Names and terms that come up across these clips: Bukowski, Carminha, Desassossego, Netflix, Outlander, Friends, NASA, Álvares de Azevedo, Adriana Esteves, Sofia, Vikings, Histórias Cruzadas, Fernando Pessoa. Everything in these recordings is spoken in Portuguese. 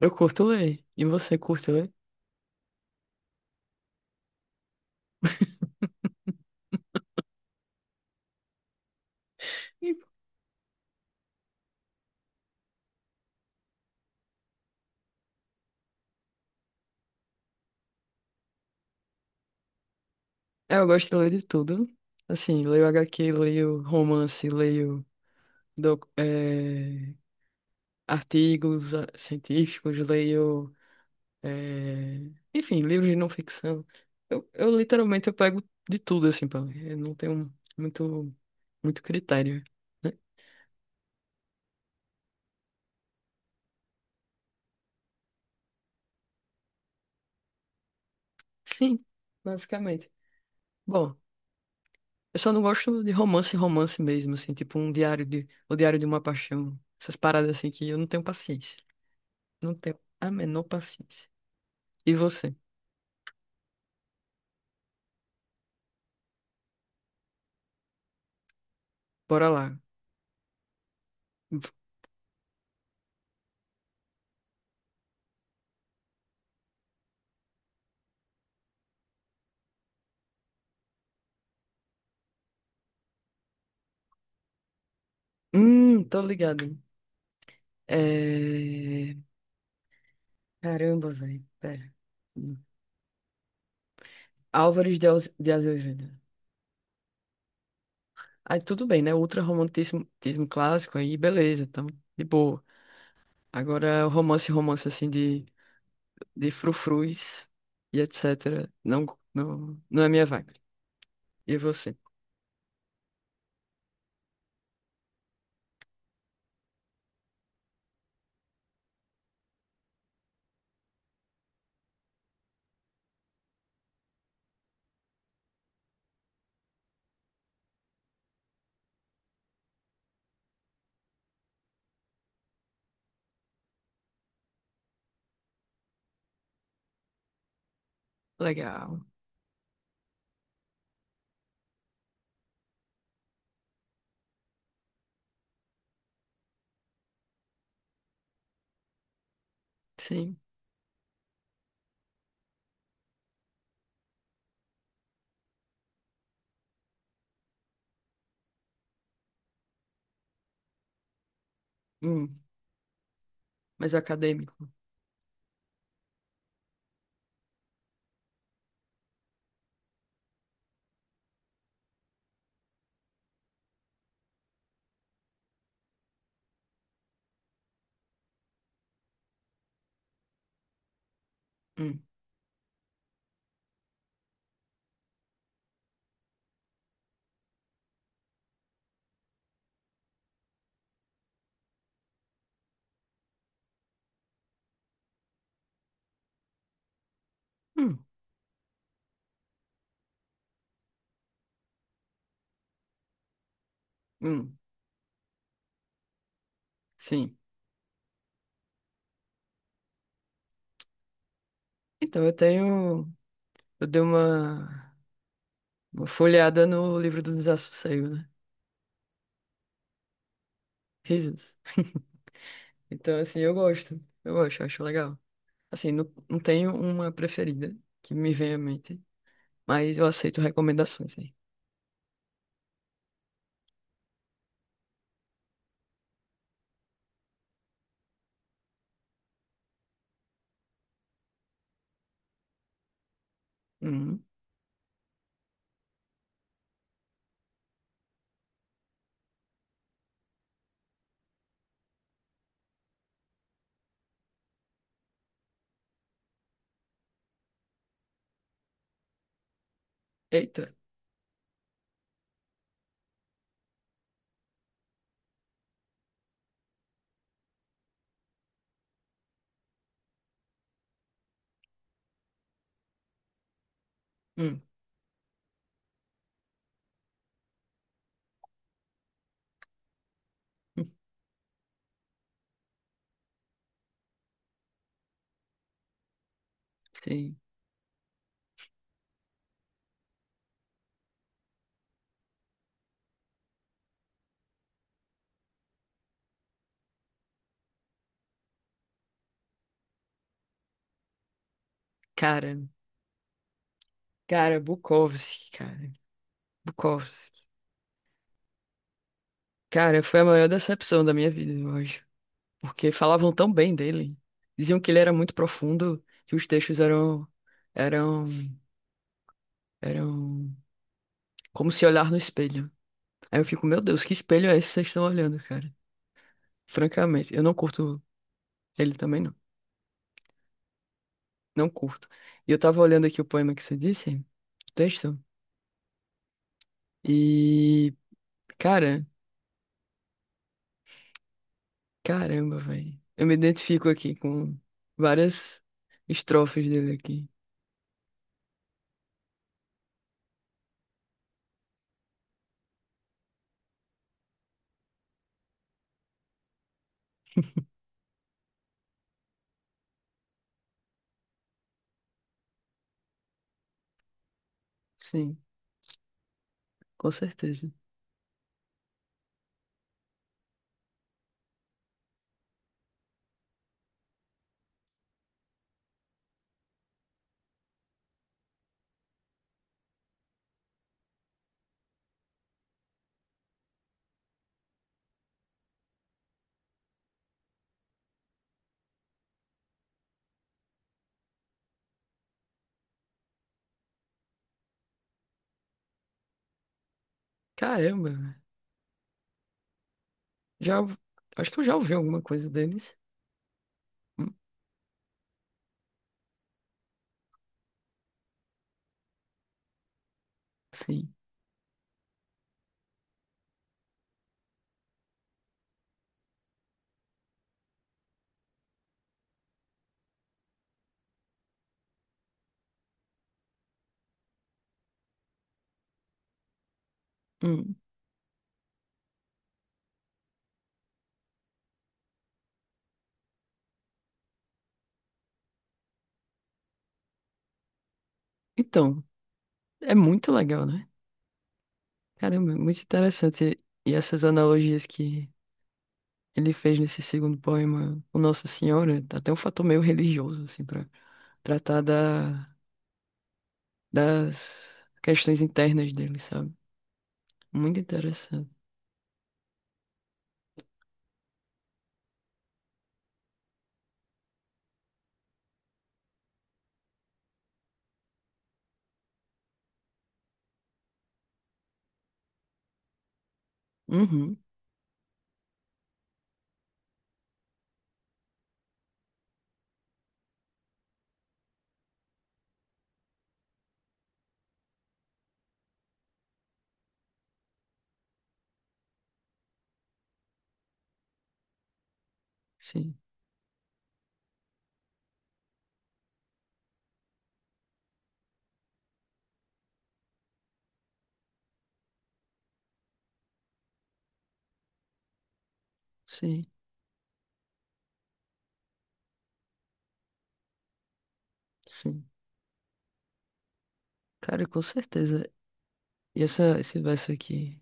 Eu curto ler. E você curte ler? É, eu gosto de ler de tudo. Assim, leio HQ, leio romance, leio doc- eh, artigos científicos, leio, eh, enfim, livros de não ficção. Eu literalmente eu pego de tudo, assim, pra ler. Eu não tenho muito, muito critério, né? Sim, basicamente. Bom, eu só não gosto de romance, romance mesmo, assim, tipo um o diário de uma paixão. Essas paradas assim que eu não tenho paciência. Não tenho a menor paciência. E você? Bora lá. Tô ligado. É... Caramba, velho. Pera. De Azevedo. Aí tudo bem, né? Ultra romantismo tismo clássico, aí beleza, então, de boa. Agora, o romance, romance assim de frufrus e etc. Não é minha vibe. E você? Legal. Sim. Hum. Mas acadêmico. Hum. Hum. Hum. Sim. Então, eu tenho. Eu dei uma, uma folheada no livro do Desassossego, né? Risos. Então, assim, eu gosto. Eu gosto, eu acho legal. Assim, não tenho uma preferida que me venha à mente, mas eu aceito recomendações aí. Hum. Eita. Hum. Hum. Sim. Cara, cara, Bukowski, cara. Bukowski. Cara, foi a maior decepção da minha vida, eu acho. Porque falavam tão bem dele. Diziam que ele era muito profundo, que os textos eram, eram como se olhar no espelho. Aí eu fico, meu Deus, que espelho é esse que vocês estão olhando, cara? Francamente, eu não curto ele também, não. Não curto. E eu tava olhando aqui o poema que você disse, o texto, e, cara, caramba, velho. Eu me identifico aqui com várias estrofes dele aqui. Sim, com certeza. Caramba, velho. Já, acho que eu já ouvi alguma coisa deles. Hum, sim. Hum. Então, é muito legal, né? Caramba, muito interessante. E essas analogias que ele fez nesse segundo poema o Nossa Senhora, tá até um fator meio religioso, assim, para tratar das questões internas dele, sabe? Muito interessante. Uhum, sim, sim, sim. Cara, com certeza. Esse verso aqui,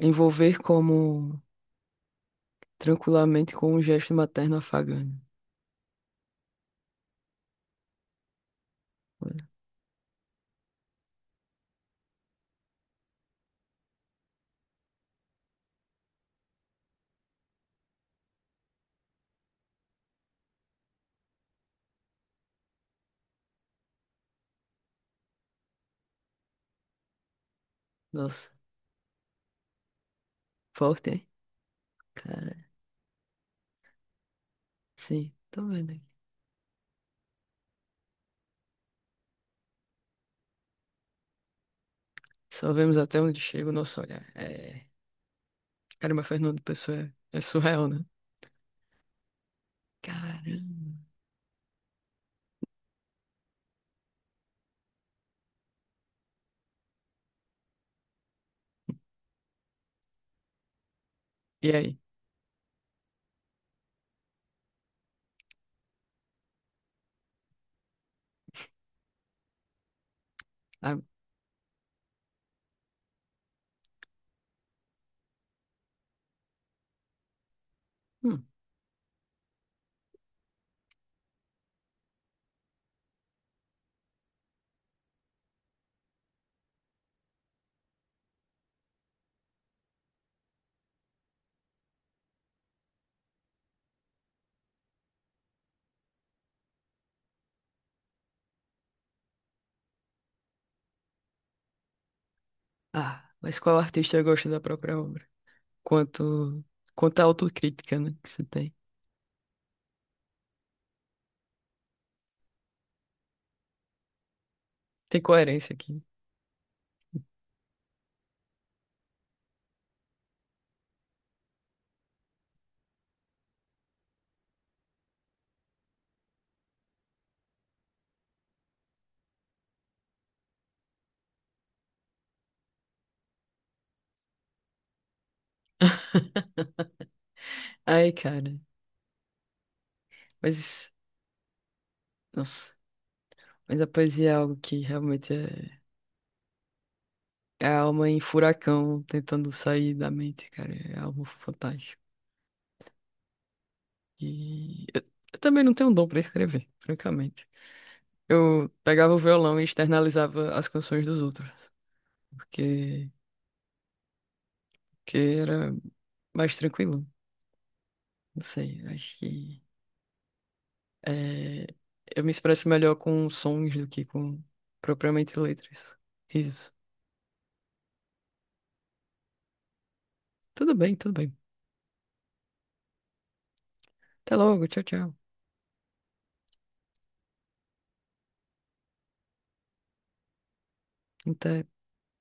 envolver como tranquilamente com um gesto materno afagante. Olha, nossa, forte, hein? Cara, sim, tô vendo aqui. Só vemos até onde chega o nosso olhar. É, caramba, Fernando Pessoa é surreal, né? Caramba. E aí? Ah, hum. Ah, mas qual artista gosta da própria obra? Quanto, quanto à autocrítica, né, que você tem. Tem coerência aqui. Ai, cara. Mas, nossa. Mas a poesia é algo que realmente é a alma em furacão tentando sair da mente, cara. É algo fantástico. E eu, eu também não tenho dom pra escrever, francamente. Eu pegava o violão e externalizava as canções dos outros. Porque, que era mais tranquilo. Não sei, acho que é, eu me expresso melhor com sons do que com propriamente letras. Risos. Tudo bem, tudo bem. Até logo, tchau, tchau. Até.